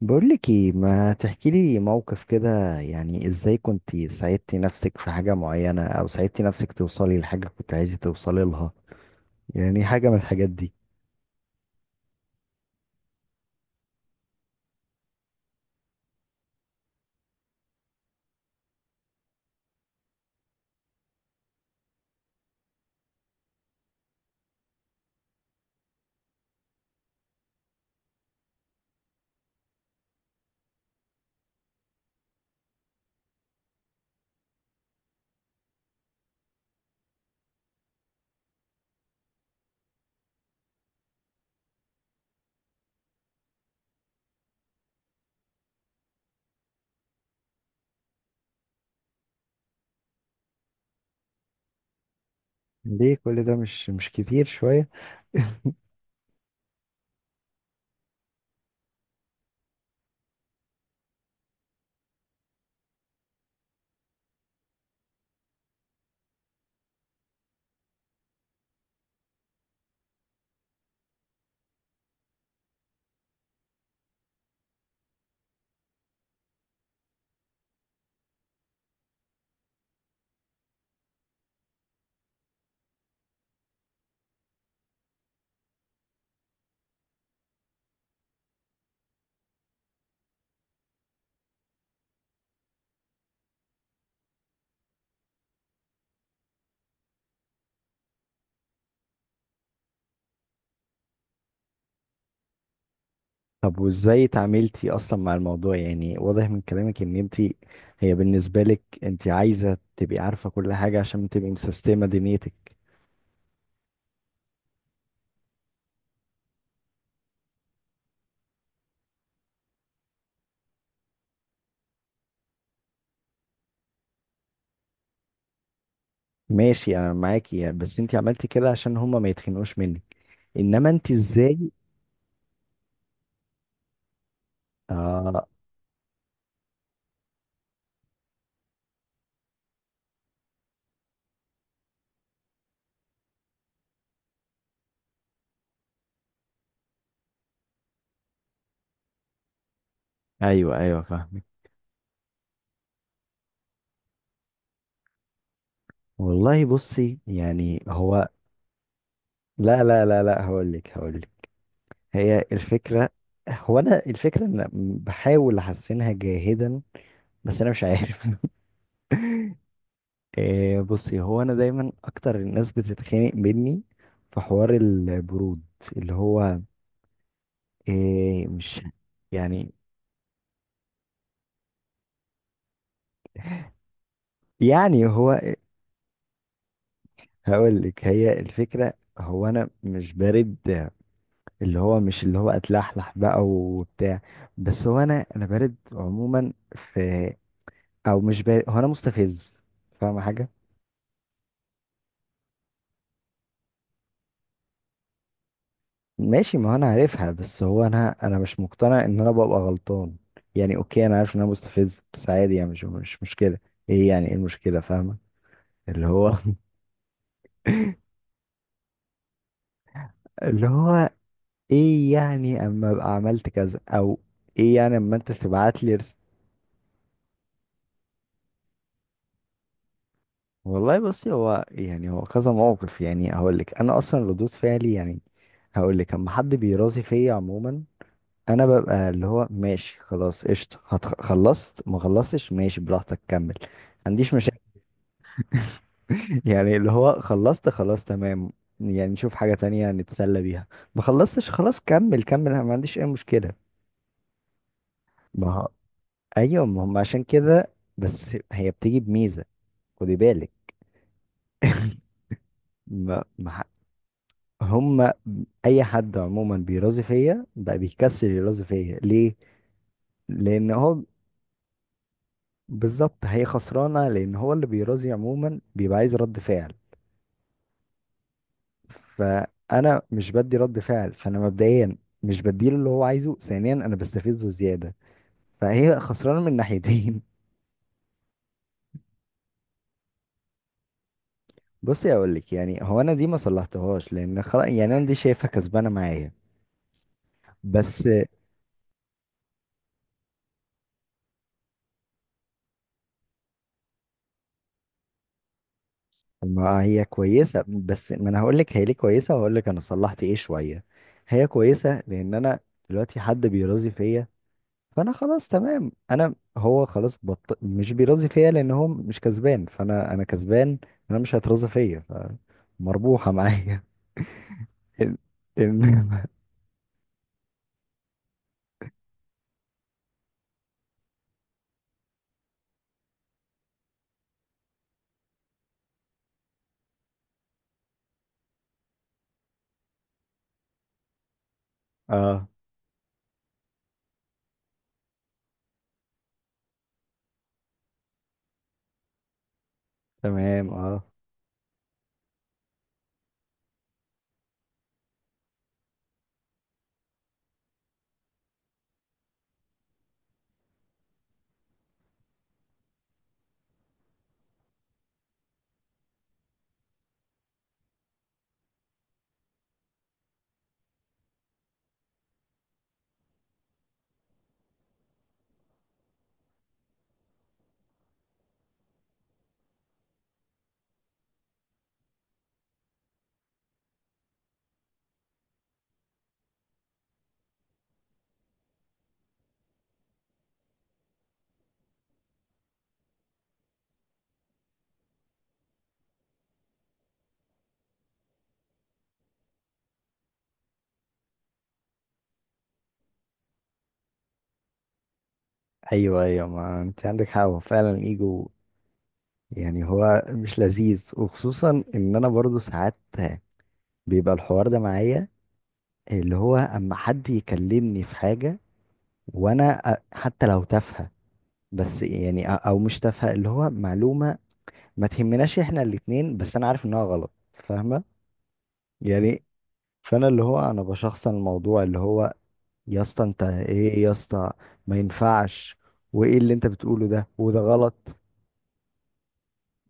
بقولك ايه، ما تحكيلي موقف كده؟ يعني ازاي كنت ساعدتي نفسك في حاجة معينة، او ساعدتي نفسك توصلي لحاجة كنت عايزة توصلي لها؟ يعني حاجة من الحاجات دي. ليه كل ده؟ مش كتير شوية؟ طب وازاي اتعاملتي اصلا مع الموضوع؟ يعني واضح من كلامك ان انت، هي بالنسبة لك انت عايزة تبقي عارفة كل حاجة عشان تبقي مسيستمة دنيتك. ماشي، انا معاكي، يعني بس انت عملتي كده عشان هما ما يتخنقوش منك، انما انت ازاي؟ اه، ايوه ايوه، فاهم. والله بصي، يعني هو، لا لا لا لا، هقول لك هقول لك. هي الفكرة، هو انا الفكرة ان أنا بحاول احسنها جاهدا، بس انا مش عارف. إيه بصي، هو انا دايما اكتر الناس بتتخانق مني في حوار البرود، اللي هو، إيه مش، يعني يعني هو، هقول لك هي الفكرة. هو انا مش بارد، اللي هو مش اللي هو اتلحلح بقى وبتاع، بس هو انا بارد عموما في، او مش بارد، هو انا مستفز، فاهم حاجه؟ ماشي، ما هو انا عارفها، بس هو انا مش مقتنع ان انا ببقى غلطان. يعني اوكي، انا عارف ان انا مستفز، بس عادي يعني، مش مشكله. ايه يعني؟ ايه المشكله فاهمه؟ اللي هو. اللي هو، ايه يعني اما ابقى عملت كذا، او ايه يعني اما انت تبعت لي. والله بصي، هو يعني، هو كذا موقف. يعني هقول لك انا اصلا ردود فعلي، يعني هقول لك اما حد بيراضي فيا عموما، انا ببقى اللي هو ماشي، خلاص قشطه، خلصت ما خلصتش، ماشي براحتك، كمل، ما عنديش مشاكل. يعني اللي هو خلصت، خلاص تمام، يعني نشوف حاجه تانية نتسلى بيها. ما خلصتش، خلاص كمل كمل، أنا ما عنديش اي مشكله. ما هو- ايوه، ما هم عشان كده، بس هي بتيجي بميزه. خدي بالك. ما ما هما اي حد عموما بيرازي فيا بقى بيكسل، يرازي فيا ليه؟ لان هو، بالظبط، هي خسرانه لان هو اللي بيرازي عموما بيبقى عايز رد فعل. فانا مش بدي رد فعل، فانا مبدئيا مش بديله اللي هو عايزه، ثانيا انا بستفزه زياده، فهي خسرانه من ناحيتين. بصي اقول لك، يعني هو انا دي ما صلحتهاش، لان خلاص يعني انا دي شايفها كسبانه معايا، بس. ما هي كويسة، بس ما انا هقول لك هي ليه كويسة، وهقول لك انا صلحت ايه شوية. هي كويسة لان انا دلوقتي حد بيراضي فيا فانا خلاص تمام. انا هو خلاص مش بيراضي فيا لان هو مش كسبان، فانا انا كسبان، انا مش هيتراضى فيا، فمربوحة معايا. إن- إن- اه تمام اه. ايوه ايوه، ما انت عندك حق، هو فعلا ايجو. يعني هو مش لذيذ، وخصوصا ان انا برضو ساعات بيبقى الحوار ده معايا، اللي هو اما حد يكلمني في حاجة، وانا حتى لو تافهة، بس يعني او مش تافهة اللي هو معلومة ما تهمناش احنا الاتنين، بس انا عارف انها غلط، فاهمة يعني؟ فانا اللي هو انا بشخصن الموضوع، اللي هو يا اسطى انت ايه يا اسطى، ما ينفعش، وايه اللي انت بتقوله ده، وده غلط.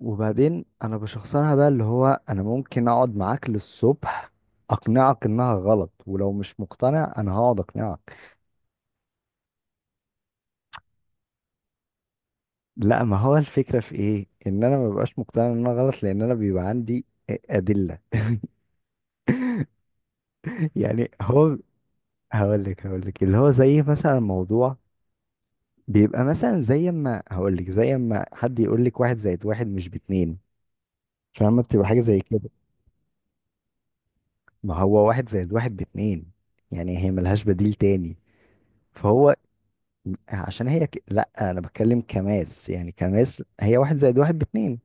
وبعدين انا بشخصنها بقى، اللي هو انا ممكن اقعد معاك للصبح اقنعك انها غلط، ولو مش مقتنع انا هقعد اقنعك. لا، ما هو الفكرة في ايه، ان انا ما ببقاش مقتنع ان انا غلط لان انا بيبقى عندي ادلة. يعني هو، هقول لك هقول لك، اللي هو زي مثلا موضوع بيبقى مثلا، زي ما هقول لك زي ما حد يقول لك واحد زائد واحد مش باتنين، فاهمة؟ بتبقى حاجة زي كده. ما هو واحد زائد واحد باتنين، يعني هي ملهاش بديل تاني. فهو عشان هي لا انا بتكلم كماس، يعني كماس هي واحد زائد واحد باتنين.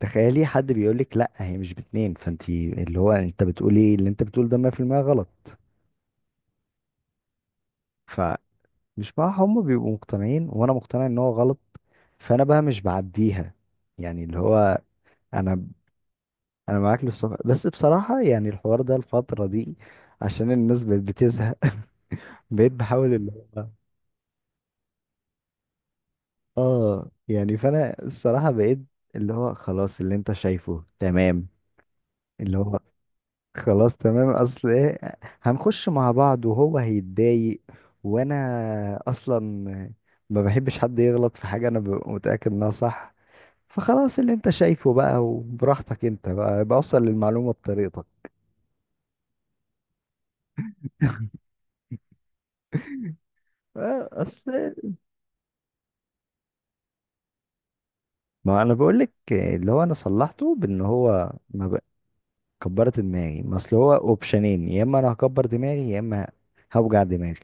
تخيلي حد بيقولك لا هي مش باتنين، فانتي اللي هو انت بتقولي ايه اللي انت بتقوله ده 100% غلط. فمش، مع هم بيبقوا مقتنعين وانا مقتنع ان هو غلط، فانا بقى مش بعديها. يعني اللي هو انا، انا معاك للصبح، بس بصراحة يعني الحوار ده الفترة دي عشان الناس بقت بتزهق. بقيت بحاول اللي هو، اه يعني فانا الصراحة بقيت اللي هو، خلاص اللي انت شايفه تمام. اللي هو خلاص تمام، اصل ايه، هنخش مع بعض وهو هيتضايق، وانا اصلا ما بحبش حد يغلط في حاجة انا ببقى متأكد انها صح. فخلاص اللي انت شايفه بقى، وبراحتك انت بقى بوصل للمعلومة بطريقتك. آه، اصل ما انا بقول لك اللي هو انا صلحته بان هو ما بق- كبرت دماغي. ما اصل هو اوبشنين، يا اما انا هكبر دماغي، يا اما هوجع دماغي،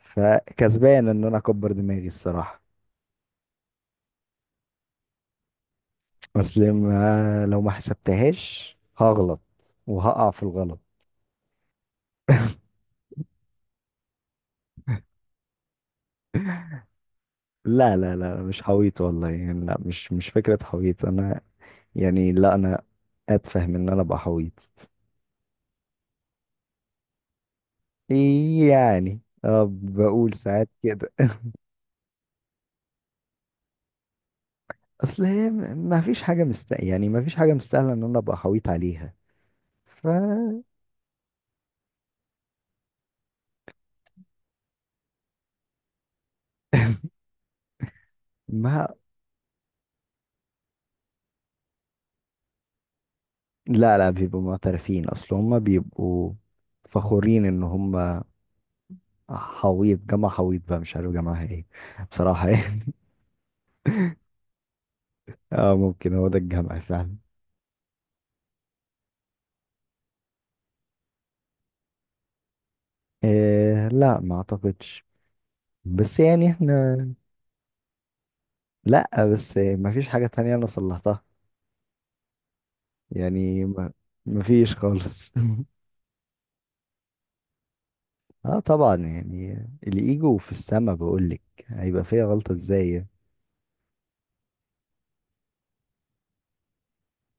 فكسبان ان انا اكبر دماغي الصراحة. اصل ما لو ما حسبتهاش هغلط وهقع في الغلط. لا لا لا، مش حويط والله، يعني لا، مش فكرة حويط انا، يعني لا انا اتفهم ان انا ابقى حويط، يعني اه بقول ساعات كده. اصل هي ما فيش حاجة مست، يعني ما فيش حاجة مستاهلة ان انا ابقى حويط عليها. ف. ما لا لا، بيبقوا معترفين، اصل هم بيبقوا فخورين ان هم حويط، جامعة حويط بقى، مش عارف جامعة ايه بصراحة. يعني اه، ممكن هو ده الجمع فعلا. إيه لا، ما اعتقدش. بس يعني احنا، لا بس ما فيش حاجة تانية انا صلحتها يعني. ما، ما فيش خالص. اه طبعا يعني، الايجو في السما بقولك، هيبقى فيها غلطة ازاي يعني.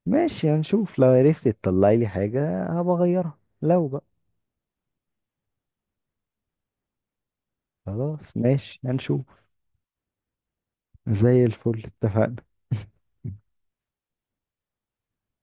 ماشي، هنشوف لو عرفت تطلعي لي حاجة هبقى اغيرها لو بقى. خلاص ماشي هنشوف. زي الفل، اتفقنا.